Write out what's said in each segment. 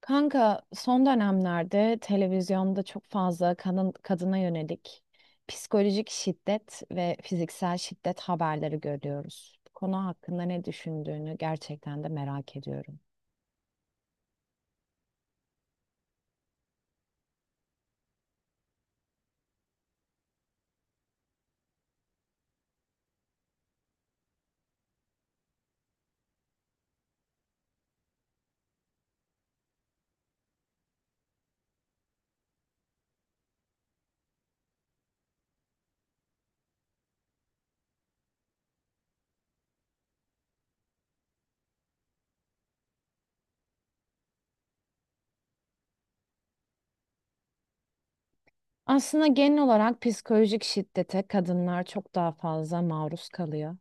Kanka son dönemlerde televizyonda çok fazla kadın, kadına yönelik psikolojik şiddet ve fiziksel şiddet haberleri görüyoruz. Bu konu hakkında ne düşündüğünü gerçekten de merak ediyorum. Aslında genel olarak psikolojik şiddete kadınlar çok daha fazla maruz kalıyor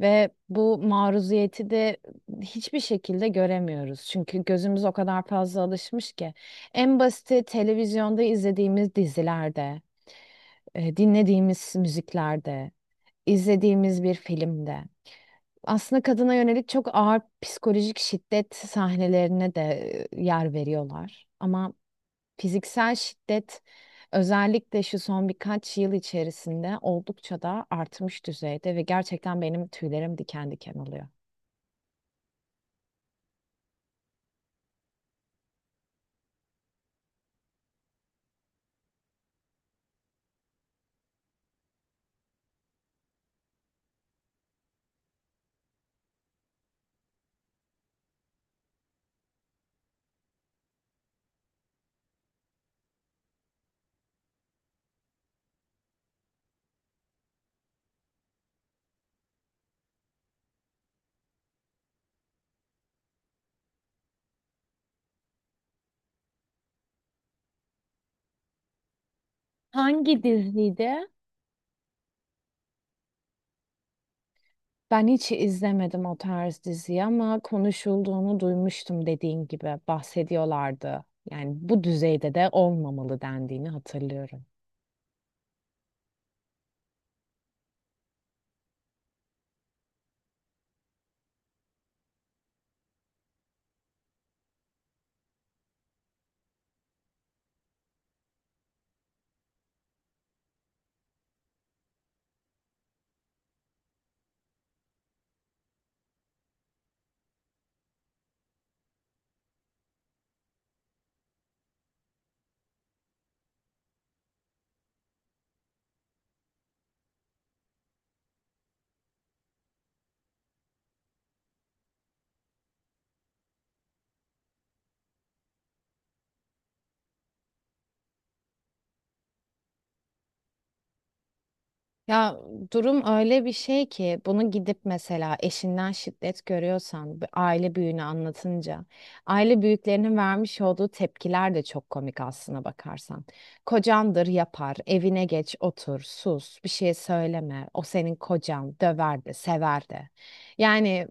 ve bu maruziyeti de hiçbir şekilde göremiyoruz. Çünkü gözümüz o kadar fazla alışmış ki en basiti televizyonda izlediğimiz dizilerde dinlediğimiz müziklerde, izlediğimiz bir filmde. Aslında kadına yönelik çok ağır psikolojik şiddet sahnelerine de yer veriyorlar. Ama fiziksel şiddet özellikle şu son birkaç yıl içerisinde oldukça da artmış düzeyde ve gerçekten benim tüylerim diken diken oluyor. Hangi diziydi? Ben hiç izlemedim o tarz diziyi ama konuşulduğunu duymuştum, dediğin gibi bahsediyorlardı. Yani bu düzeyde de olmamalı dendiğini hatırlıyorum. Ya, durum öyle bir şey ki bunu gidip mesela eşinden şiddet görüyorsan bir aile büyüğüne anlatınca aile büyüklerinin vermiş olduğu tepkiler de çok komik aslına bakarsan. Kocandır yapar, evine geç, otur, sus, bir şey söyleme. O senin kocan, döver de, sever de. Yani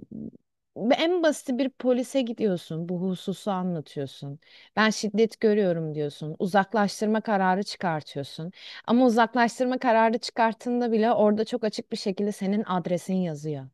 en basit bir polise gidiyorsun, bu hususu anlatıyorsun. Ben şiddet görüyorum diyorsun. Uzaklaştırma kararı çıkartıyorsun. Ama uzaklaştırma kararı çıkarttığında bile orada çok açık bir şekilde senin adresin yazıyor.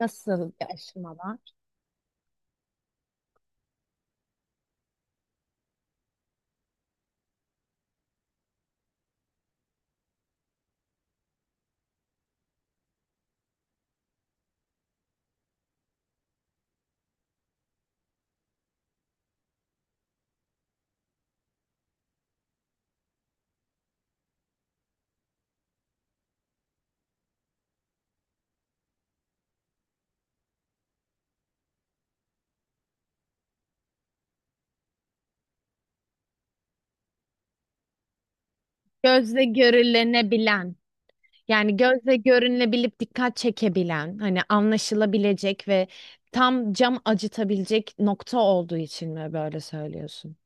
Nasıl bir aşamalar? Gözle görülenebilen, yani gözle görünebilip dikkat çekebilen, hani anlaşılabilecek ve tam cam acıtabilecek nokta olduğu için mi böyle söylüyorsun?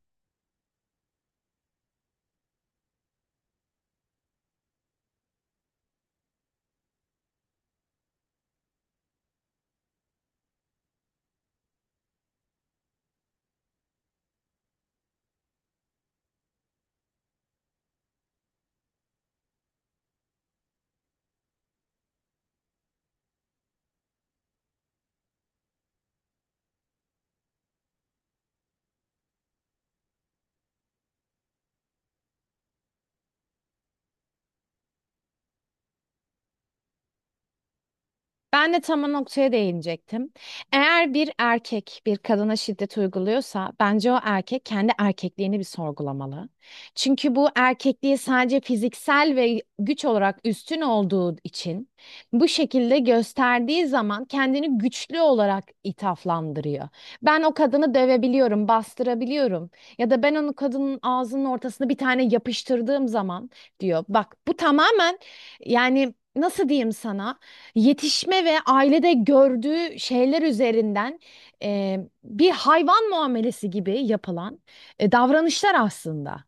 Ben de tam o noktaya değinecektim. Eğer bir erkek bir kadına şiddet uyguluyorsa bence o erkek kendi erkekliğini bir sorgulamalı. Çünkü bu erkekliği sadece fiziksel ve güç olarak üstün olduğu için bu şekilde gösterdiği zaman kendini güçlü olarak ithaflandırıyor. Ben o kadını dövebiliyorum, bastırabiliyorum ya da ben onu kadının ağzının ortasına bir tane yapıştırdığım zaman diyor. Bak bu tamamen, yani nasıl diyeyim sana? Yetişme ve ailede gördüğü şeyler üzerinden e, bir hayvan muamelesi gibi yapılan davranışlar aslında.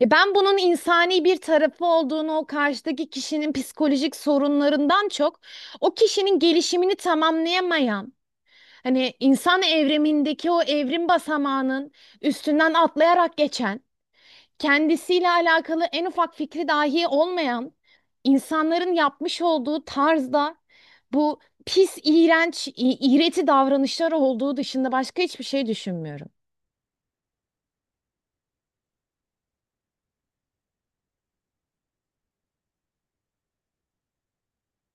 Ben bunun insani bir tarafı olduğunu, o karşıdaki kişinin psikolojik sorunlarından çok o kişinin gelişimini tamamlayamayan, hani insan evrimindeki o evrim basamağının üstünden atlayarak geçen kendisiyle alakalı en ufak fikri dahi olmayan insanların yapmış olduğu tarzda bu pis, iğrenç, iğreti davranışlar olduğu dışında başka hiçbir şey düşünmüyorum.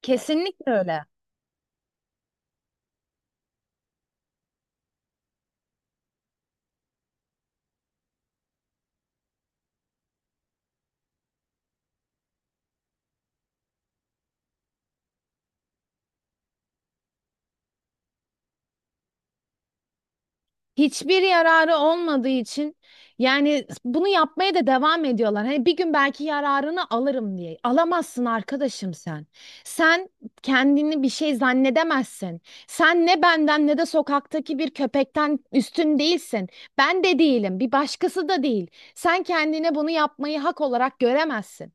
Kesinlikle öyle. Hiçbir yararı olmadığı için yani bunu yapmaya da devam ediyorlar. Hani bir gün belki yararını alırım diye. Alamazsın arkadaşım sen. Sen kendini bir şey zannedemezsin. Sen ne benden ne de sokaktaki bir köpekten üstün değilsin. Ben de değilim, bir başkası da değil. Sen kendine bunu yapmayı hak olarak göremezsin.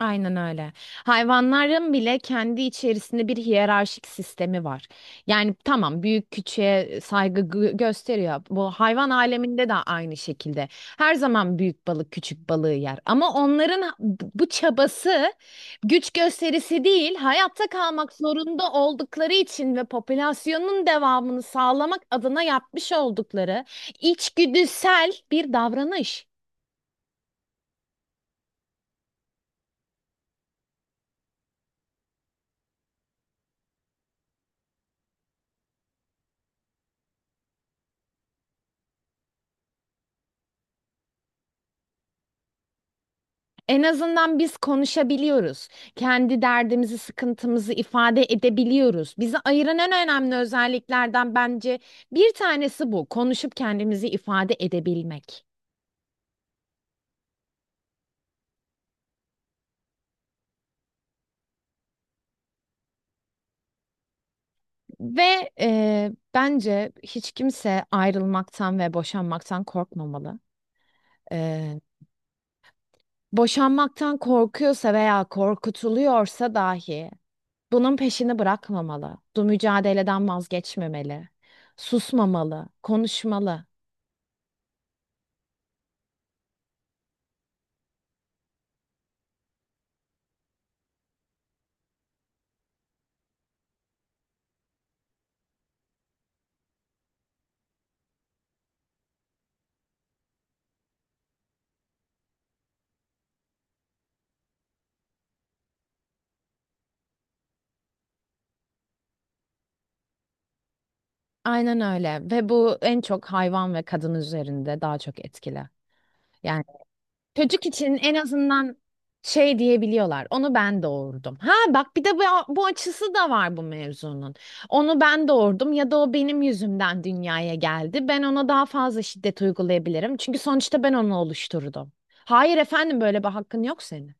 Aynen öyle. Hayvanların bile kendi içerisinde bir hiyerarşik sistemi var. Yani tamam, büyük küçüğe saygı gösteriyor. Bu hayvan aleminde de aynı şekilde. Her zaman büyük balık küçük balığı yer. Ama onların bu çabası güç gösterisi değil, hayatta kalmak zorunda oldukları için ve popülasyonun devamını sağlamak adına yapmış oldukları içgüdüsel bir davranış. En azından biz konuşabiliyoruz. Kendi derdimizi, sıkıntımızı ifade edebiliyoruz. Bizi ayıran en önemli özelliklerden bence bir tanesi bu. Konuşup kendimizi ifade edebilmek. Ve bence hiç kimse ayrılmaktan ve boşanmaktan korkmamalı. E, Boşanmaktan korkuyorsa veya korkutuluyorsa dahi bunun peşini bırakmamalı. Bu mücadeleden vazgeçmemeli. Susmamalı, konuşmalı. Aynen öyle ve bu en çok hayvan ve kadın üzerinde daha çok etkili. Yani çocuk için en azından şey diyebiliyorlar. Onu ben doğurdum. Ha bak, bir de bu, bu açısı da var bu mevzunun. Onu ben doğurdum ya da o benim yüzümden dünyaya geldi. Ben ona daha fazla şiddet uygulayabilirim. Çünkü sonuçta ben onu oluşturdum. Hayır efendim, böyle bir hakkın yok senin.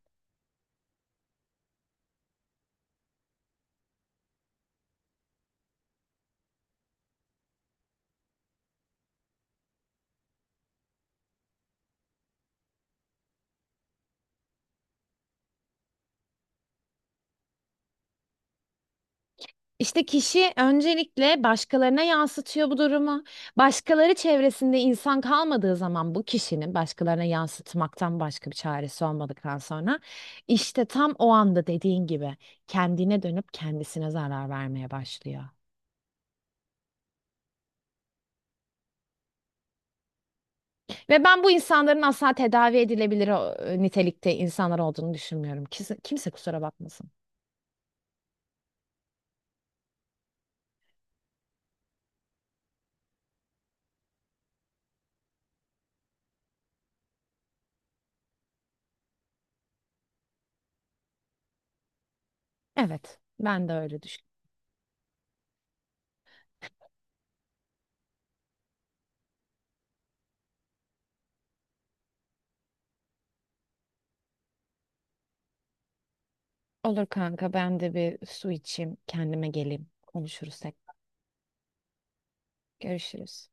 İşte kişi öncelikle başkalarına yansıtıyor bu durumu. Başkaları çevresinde insan kalmadığı zaman bu kişinin başkalarına yansıtmaktan başka bir çaresi olmadıktan sonra işte tam o anda dediğin gibi kendine dönüp kendisine zarar vermeye başlıyor. Ve ben bu insanların asla tedavi edilebilir nitelikte insanlar olduğunu düşünmüyorum. Kimse, kimse kusura bakmasın. Evet, ben de öyle düşünüyorum. Olur kanka, ben de bir su içeyim, kendime geleyim, konuşuruz tekrar. Görüşürüz.